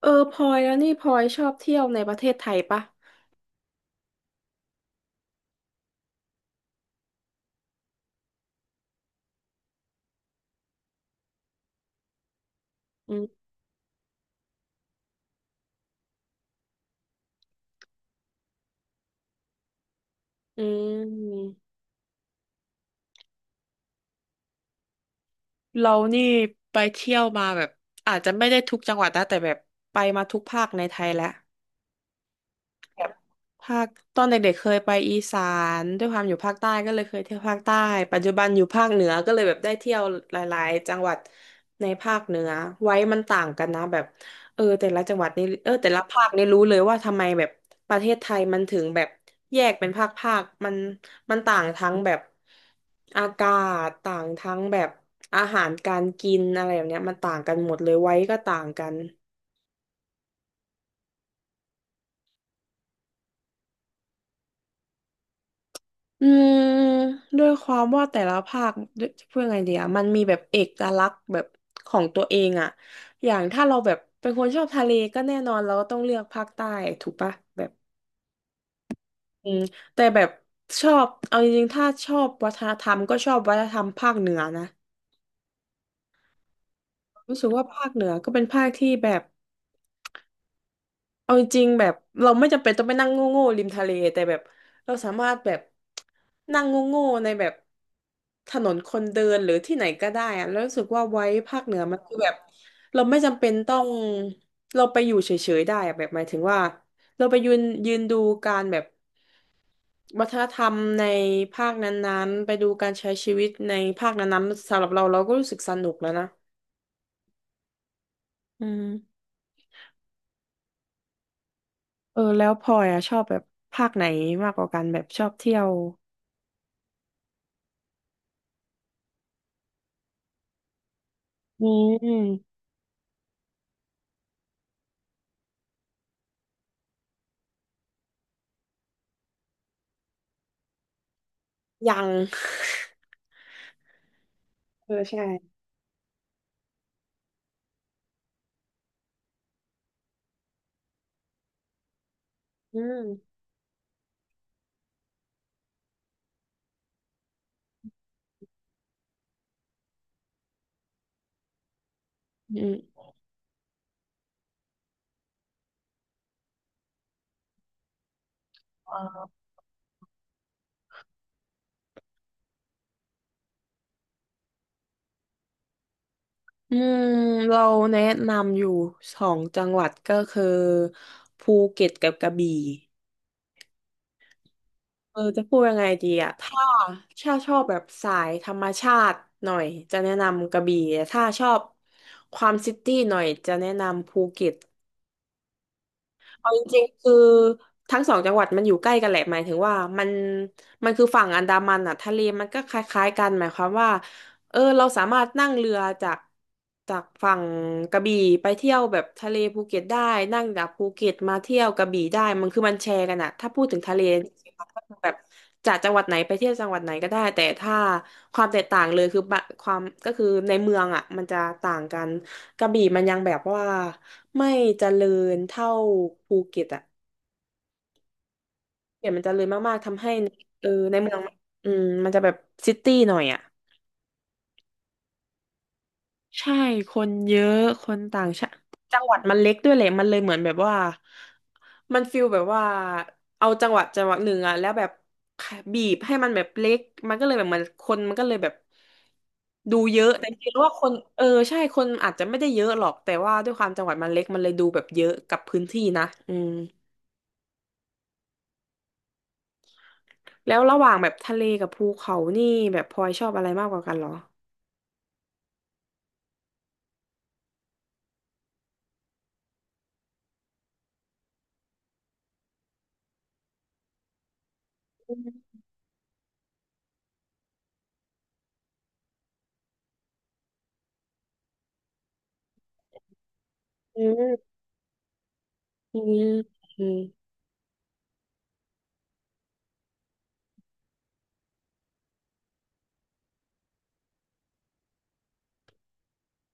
เออพลอยแล้วนี่พลอยชอบเที่ยวในประเทศไทยปะอืมอืมเรานี่ไปเที่ยวมาแบบอาจจะไม่ได้ทุกจังหวัดนะแต่แบบไปมาทุกภาคในไทยแล้ว แบบภาคตอนเด็กๆเคยไปอีสานด้วยความอยู่ภาคใต้ก็เลยเคยเที่ยวภาคใต้ปัจจุบันอยู่ภาคเหนือก็เลยแบบได้เที่ยวหลายๆจังหวัดในภาคเหนือไว้มันต่างกันนะแบบเออแต่ละจังหวัดนี่เออแต่ละภาคนี่รู้เลยว่าทำไมแบบประเทศไทยมันถึงแบบแยกเป็นภาคภาคมันต่างทั้งแบบอากาศต่างทั้งแบบอาหารการกินอะไรแบบเนี้ยมันต่างกันหมดเลยไว้ก็ต่างกัน อืมด้วยความว่าแต่ละภาคด้วยจะพูดยังไงดีอะมันมีแบบเอกลักษณ์แบบของตัวเองอะอย่างถ้าเราแบบเป็นคนชอบทะเลก็แน่นอนเราก็ต้องเลือกภาคใต้ถูกปะแบบอืมแต่แบบชอบเอาจริงๆถ้าชอบวัฒนธรรมก็ชอบวัฒนธรรมภาคเหนือนะรู้สึกว่าภาคเหนือก็เป็นภาคที่แบบ เอาจริงๆแบบเราไม่จำเป็นต้องไปนั่งโง่ๆริมทะเลแต่แบบเราสามารถแบบนั่งโง่ๆในแบบถนนคนเดินหรือที่ไหนก็ได้อะแล้วรู้สึกว่าไว้ภาคเหนือมันคือแบบเราไม่จำเป็นต้องเราไปอยู่เฉยๆได้อะแบบหมายถึงว่าเราไปยืนดูการแบบวัฒนธรรมในภาคนั้นๆไปดูการใช้ชีวิตในภาคนั้นๆสำหรับเราเราก็รู้สึกสนุกแล้วนะอืมเออแล้วพลอยอะชอบแบบภาคไหนมากกว่ากันแบบชอบเที่ยว อืมยัง เออใช่อืมอืมเออืมเราแนะนำอยู่สองจังหวัดก็คือภูเก็ตกับกระบี่เออจะพูดยังไงดีอะถ้าชอบแบบสายธรรมชาติหน่อยจะแนะนำกระบี่แต่ถ้าชอบความซิตี้หน่อยจะแนะนำภูเก็ต เอาจริงๆคือทั้งสองจังหวัดมันอยู่ใกล้กันแหละหมายถึงว่ามันมันคือฝั่งอันดามันอ่ะทะเลมันก็คล้ายๆกันหมายความว่าเออเราสามารถนั่งเรือจากฝั่งกระบี่ไปเที่ยวแบบทะเลภูเก็ตได้นั่งจากภูเก็ตมาเที่ยวกระบี่ได้มันคือมันแชร์กันอ่ะถ้าพูดถึงทะเลจริงๆมันก็คือแบบจากจังหวัดไหนไปเที่ยวจังหวัดไหนก็ได้แต่ถ้าความแตกต่างเลยคือความก็คือในเมืองอ่ะมันจะต่างกัน กระบี่มันยังแบบว่าไม่เจริญเท่าภูเก็ตอะเดี๋ยวมันเจริญมากๆทำให้ในเออในเมืองอืมมันจะแบบซิตี้หน่อยอะใช่คนเยอะคนต่างชาติจังหวัดมันเล็กด้วยแหละมันเลยเหมือนแบบว่ามันฟิลแบบว่าเอาจังหวัดจังหวัดหนึ่งอะแล้วแบบบีบให้มันแบบเล็กมันก็เลยแบบเหมันคนมันก็เลยแบบดูเยอะแต่จริงๆว่าคนเออใช่คนอาจจะไม่ได้เยอะหรอกแต่ว่าด้วยความจังหวัดมันเล็กมันเลยดูแบบเยอะกับพื้นที่นะอืม แล้วระหว่างแบบทะเลกับภูเขานี่แบบพลอยชอบอะไรมากกว่ากันเหรออืมอืมอืม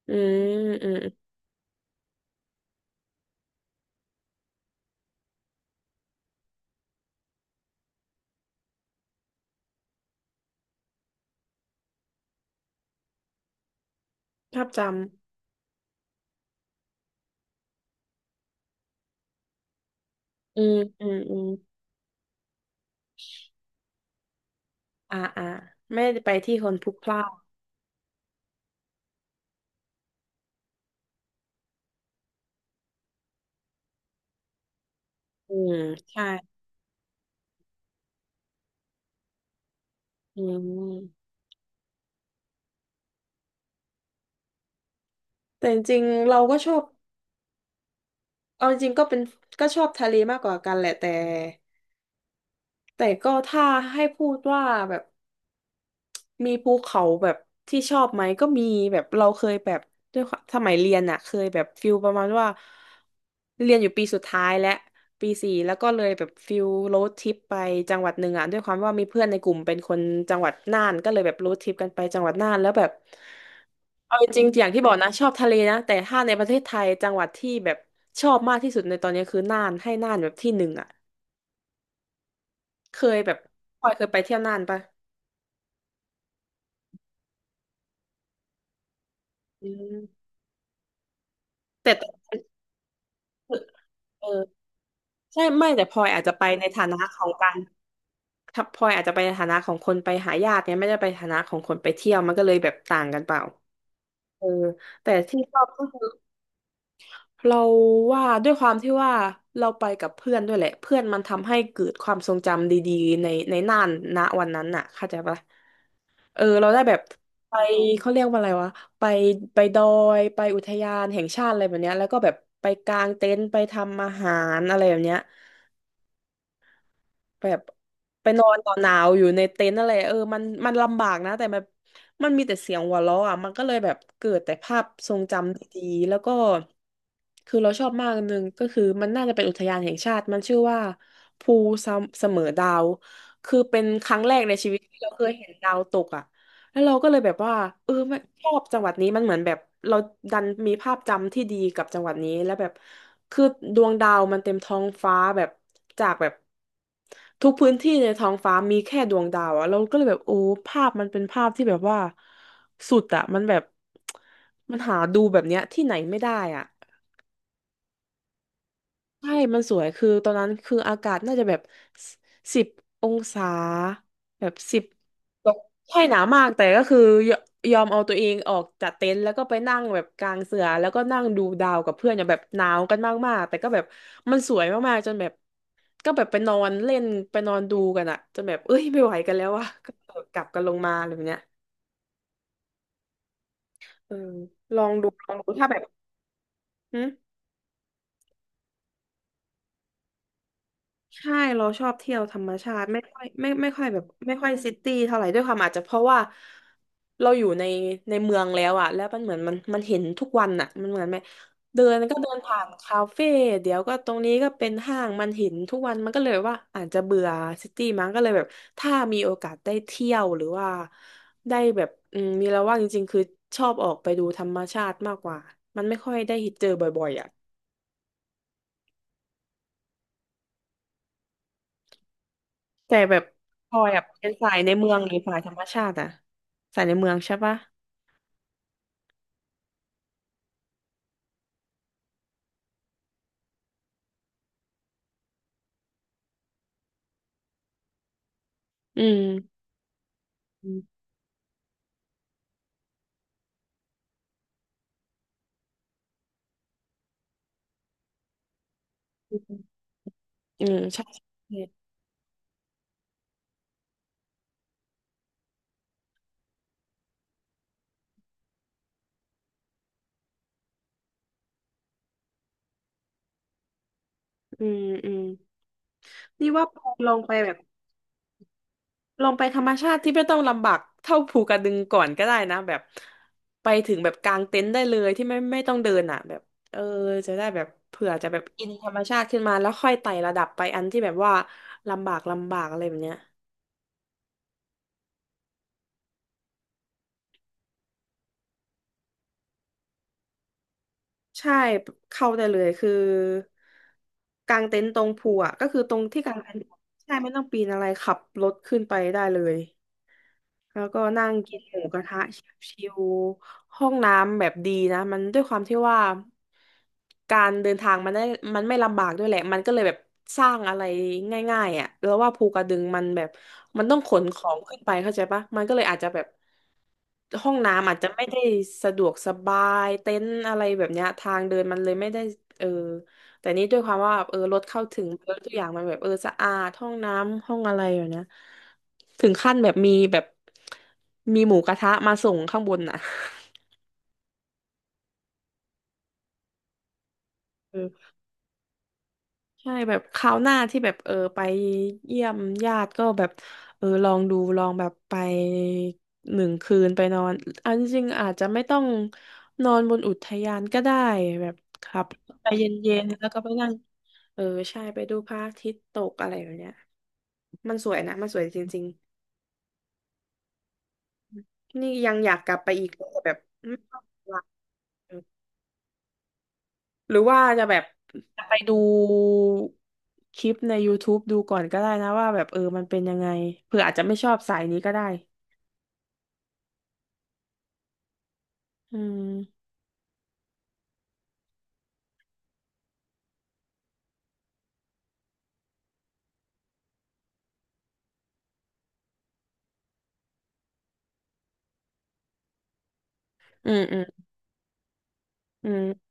อืมอืมภาพจำอืมอืมอืมอ่าอ่าไม่ได้ไปที่คนพลุกพล่านอืมใช่ อืมแต่จริงๆเราก็ชอบ เอาจริงๆก็เป็นก็ชอบทะเลมากกว่ากันแหละแต่แต่ก็ถ้าให้พูดว่าแบบ มีภูเขาแบบที่ชอบไหมก็มีแบบเราเคยแบบด้วยความสมัยเรียนอะเคยแบบฟิลประมาณว่าเรียนอยู่ปีสุดท้ายและปีสี่แล้วก็เลยแบบฟิลโรดทริปไปจังหวัดหนึ่งอะด้วยความว่ามีเพื่อนในกลุ่มเป็นคนจังหวัดน่านก็เลยแบบโรดทริปกันไปจังหวัดน่านแล้วแบบเอาจริงๆอย่างที่บอกนะชอบทะเลนะแต่ถ้าในประเทศไทยจังหวัดที่แบบชอบมากที่สุดในตอนนี้คือน่านให้น่านแบบที่หนึ่งอะเคยแบบพลอยเคยไปเที่ยวน่านปะอืมแต่ตอนนั้นคือเออ ใช่ไม่แต่พลอยอาจจะไปในฐานะของการถ้าพลอยอาจจะไปในฐานะของคนไปหาญาติเนี่ยไม่ได้ไปฐานะของคนไปเที่ยวมันก็เลยแบบต่างกันเปล่าเออแต่ที่ชอบก็คือเราว่าด้วยความที่ว่าเราไปกับเพื่อนด้วยแหละเพื่อนมันทำให้เกิดความทรงจำดีๆในน่านณวันนั้นน่ะเข้าใจปะเออเราได้แบบไปเขาเรียกว่าอะไรวะไปไปดอไปอุทยานแห่งชาติอะไรแบบเนี้ยแล้วก็แบบไปกางเต็นท์ไปทำอาหารอะไรแบบเนี้ย แบบไปนอนต่อนหนาวอยู่ในเต็นท์อะไรเออมันลำบากนะแต่แบบมันมีแต่เสียงหัวเราะอ่ะมันก็เลยแบบเกิดแต่ภาพทรงจำดีๆแล้วก็คือเราชอบมากอันหนึงก็คือมันน่าจะเป็นอุทยานแห่งชาติมันชื่อว่าภูเสมอดาวคือเป็นครั้งแรกในชีวิตที่เราเคยเห็นดาวตกอ่ะ แล้วเราก็เลยแบบว่าเออไม่ชอบจังหวัดนี้มันเหมือนแบบเราดันมีภาพจำที่ดีกับจังหวัดนี้แล้วแบบคือดวงดาวมันเต็มท้องฟ้าแบบจากแบบทุกพื้นที่ในท้องฟ้ามีแค่ดวงดาวอะเราก็เลยแบบโอ้ภาพมันเป็นภาพที่แบบว่าสุดอะมันแบบมันหาดูแบบเนี้ยที่ไหนไม่ได้อะ ใช่มันสวยคือตอนนั้นคืออากาศน่าจะแบบ10 องศาแบบสิบตกใช่หนาวมากแต่ก็คือยยอมเอาตัวเองออกจากเต็นท์แล้วก็ไปนั่งแบบกลางเสือแล้วก็นั่งดูดาวกับเพื่อนอย่างแบบหนาวกันมากๆแต่ก็แบบมันสวยมากๆจนแบบก็แบบไปนอนเล่นไปนอนดูกันอะจนแบบเอ้ยไม่ไหวกันแล้วว่ะก็กลับกันลงมาอะไรแบบเนี้ยเออลองดูลองดูถ้าแบบหึ ใช่เราชอบเที่ยวธรรมชาติไม่ค่อยไม่ไม่ค่อยแบบไม่ค่อยซิตี้เท่าไหร่ด้วยความอาจจะเพราะว่าเราอยู่ในเมืองแล้วอะแล้วมันเหมือนมันเห็นทุกวันอะมันเหมือนไหมเดินก็เดินผ่านคาเฟ่เดี๋ยวก็ตรงนี้ก็เป็นห้างมันเห็นทุกวันมันก็เลยว่าอาจจะเบื่อซิตี้มั้งก็เลยแบบถ้ามีโอกาสได้เที่ยวหรือว่าได้แบบอืมมีแล้วว่างจริงๆคือชอบออกไปดูธรรมชาติมากกว่ามันไม่ค่อยได้เจอบ่อยๆอะ แต่แบบพลอยอ่ะเป็นสายในเมืองหรือสายธรรมชาติอ่ะสายในเมืองใช่ปะอืมอืมอืมใช่ใช่อืมอืมนี่ว่าพลอยลองไปแบบลองไปธรรมชาติที่ไม่ต้องลำบากเท่าภูกระดึงก่อนก็ได้นะแบบไปถึงแบบกางเต็นท์ได้เลยที่ไม่ต้องเดินอ่ะแบบเออจะได้แบบเผื่อจะแบบอินธรรมชาติขึ้นมาแล้วค่อยไต่ระดับไปอันที่แบบว่าลำบากอะไรแบบเนี้ย ใช่เข้าได้เลยคือกางเต็นท์ตรงภูอ่ะก็คือตรงที่กางเต็นท์ใช่ไม่ต้องปีนอะไรขับรถขึ้นไปได้เลยแล้วก็นั่งกินหมูกระทะชิวๆห้องน้ำแบบดีนะมันด้วยความที่ว่าการเดินทางมันได้มันไม่ลำบากด้วยแหละมันก็เลยแบบสร้างอะไรง่ายๆอ่ะแล้วว่าภูกระดึงมันแบบมันต้องขนของขึ้นไปเข้าใจปะมันก็เลยอาจจะแบบ ห้องน้ำอาจจะไม่ได้สะดวกสบายเต็นท์อะไรแบบเนี้ยทางเดินมันเลยไม่ได้เออแต่นี้ด้วยความว่าเออรถเข้าถึงแล้วทุกอย่างมันแบบเออสะอาดห้องน้ำห้องอะไรอย่างเนี้ยถึงขั้นแบบมีแบบมีหมูกระทะมาส่งข้างบนอ่ะ ใช่แบบคราวหน้าที่แบบเออไปเยี่ยมญาติก็แบบเออลองดูลองแบบไป1 คืนไปนอนเอันจริงๆอาจจะไม่ต้องนอนบนอุทยานก็ได้แบบครับไปเย็นๆแล้วก็ไปนั่งเออใช่ไปดูพระอาทิตย์ตกอะไรแบบเนี้ยมันสวยนะมันสวยจริงๆนี่ยังอยากกลับไปอีกแต่แบบไม่มีเวลา หรือว่าจะแบบจะไปดูคลิปใน YouTube ดูก่อนก็ได้นะว่าแบบเออมันเป็นยังไงเผื่ออาจจะไม่ชอบสายนี้ก็ได้อืมอืมอืมอืม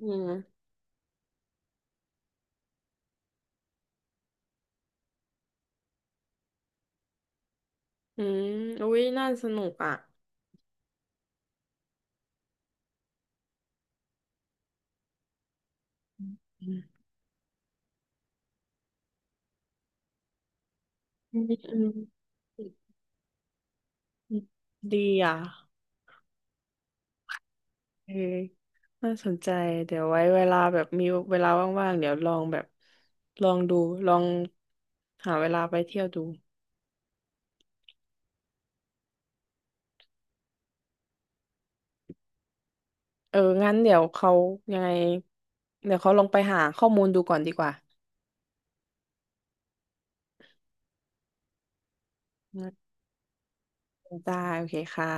อืมอืมอมอุ๊ยน่าสนุกอ่ะอืมอืมอืมอืมอืมดีอ่ะเออน่าสนใจเดี๋ยวไว้เวลาแบบมีเวลาว่างๆเดี๋ยวลองแบบลองดูลองหาเวลาไปเที่ยวดู เออ งั้นเดี๋ยวเขายังไงเดี๋ยวเขาลองไปหาข้อมูลดูก่อนดีกว่าอืมได้ โอเคค่ะ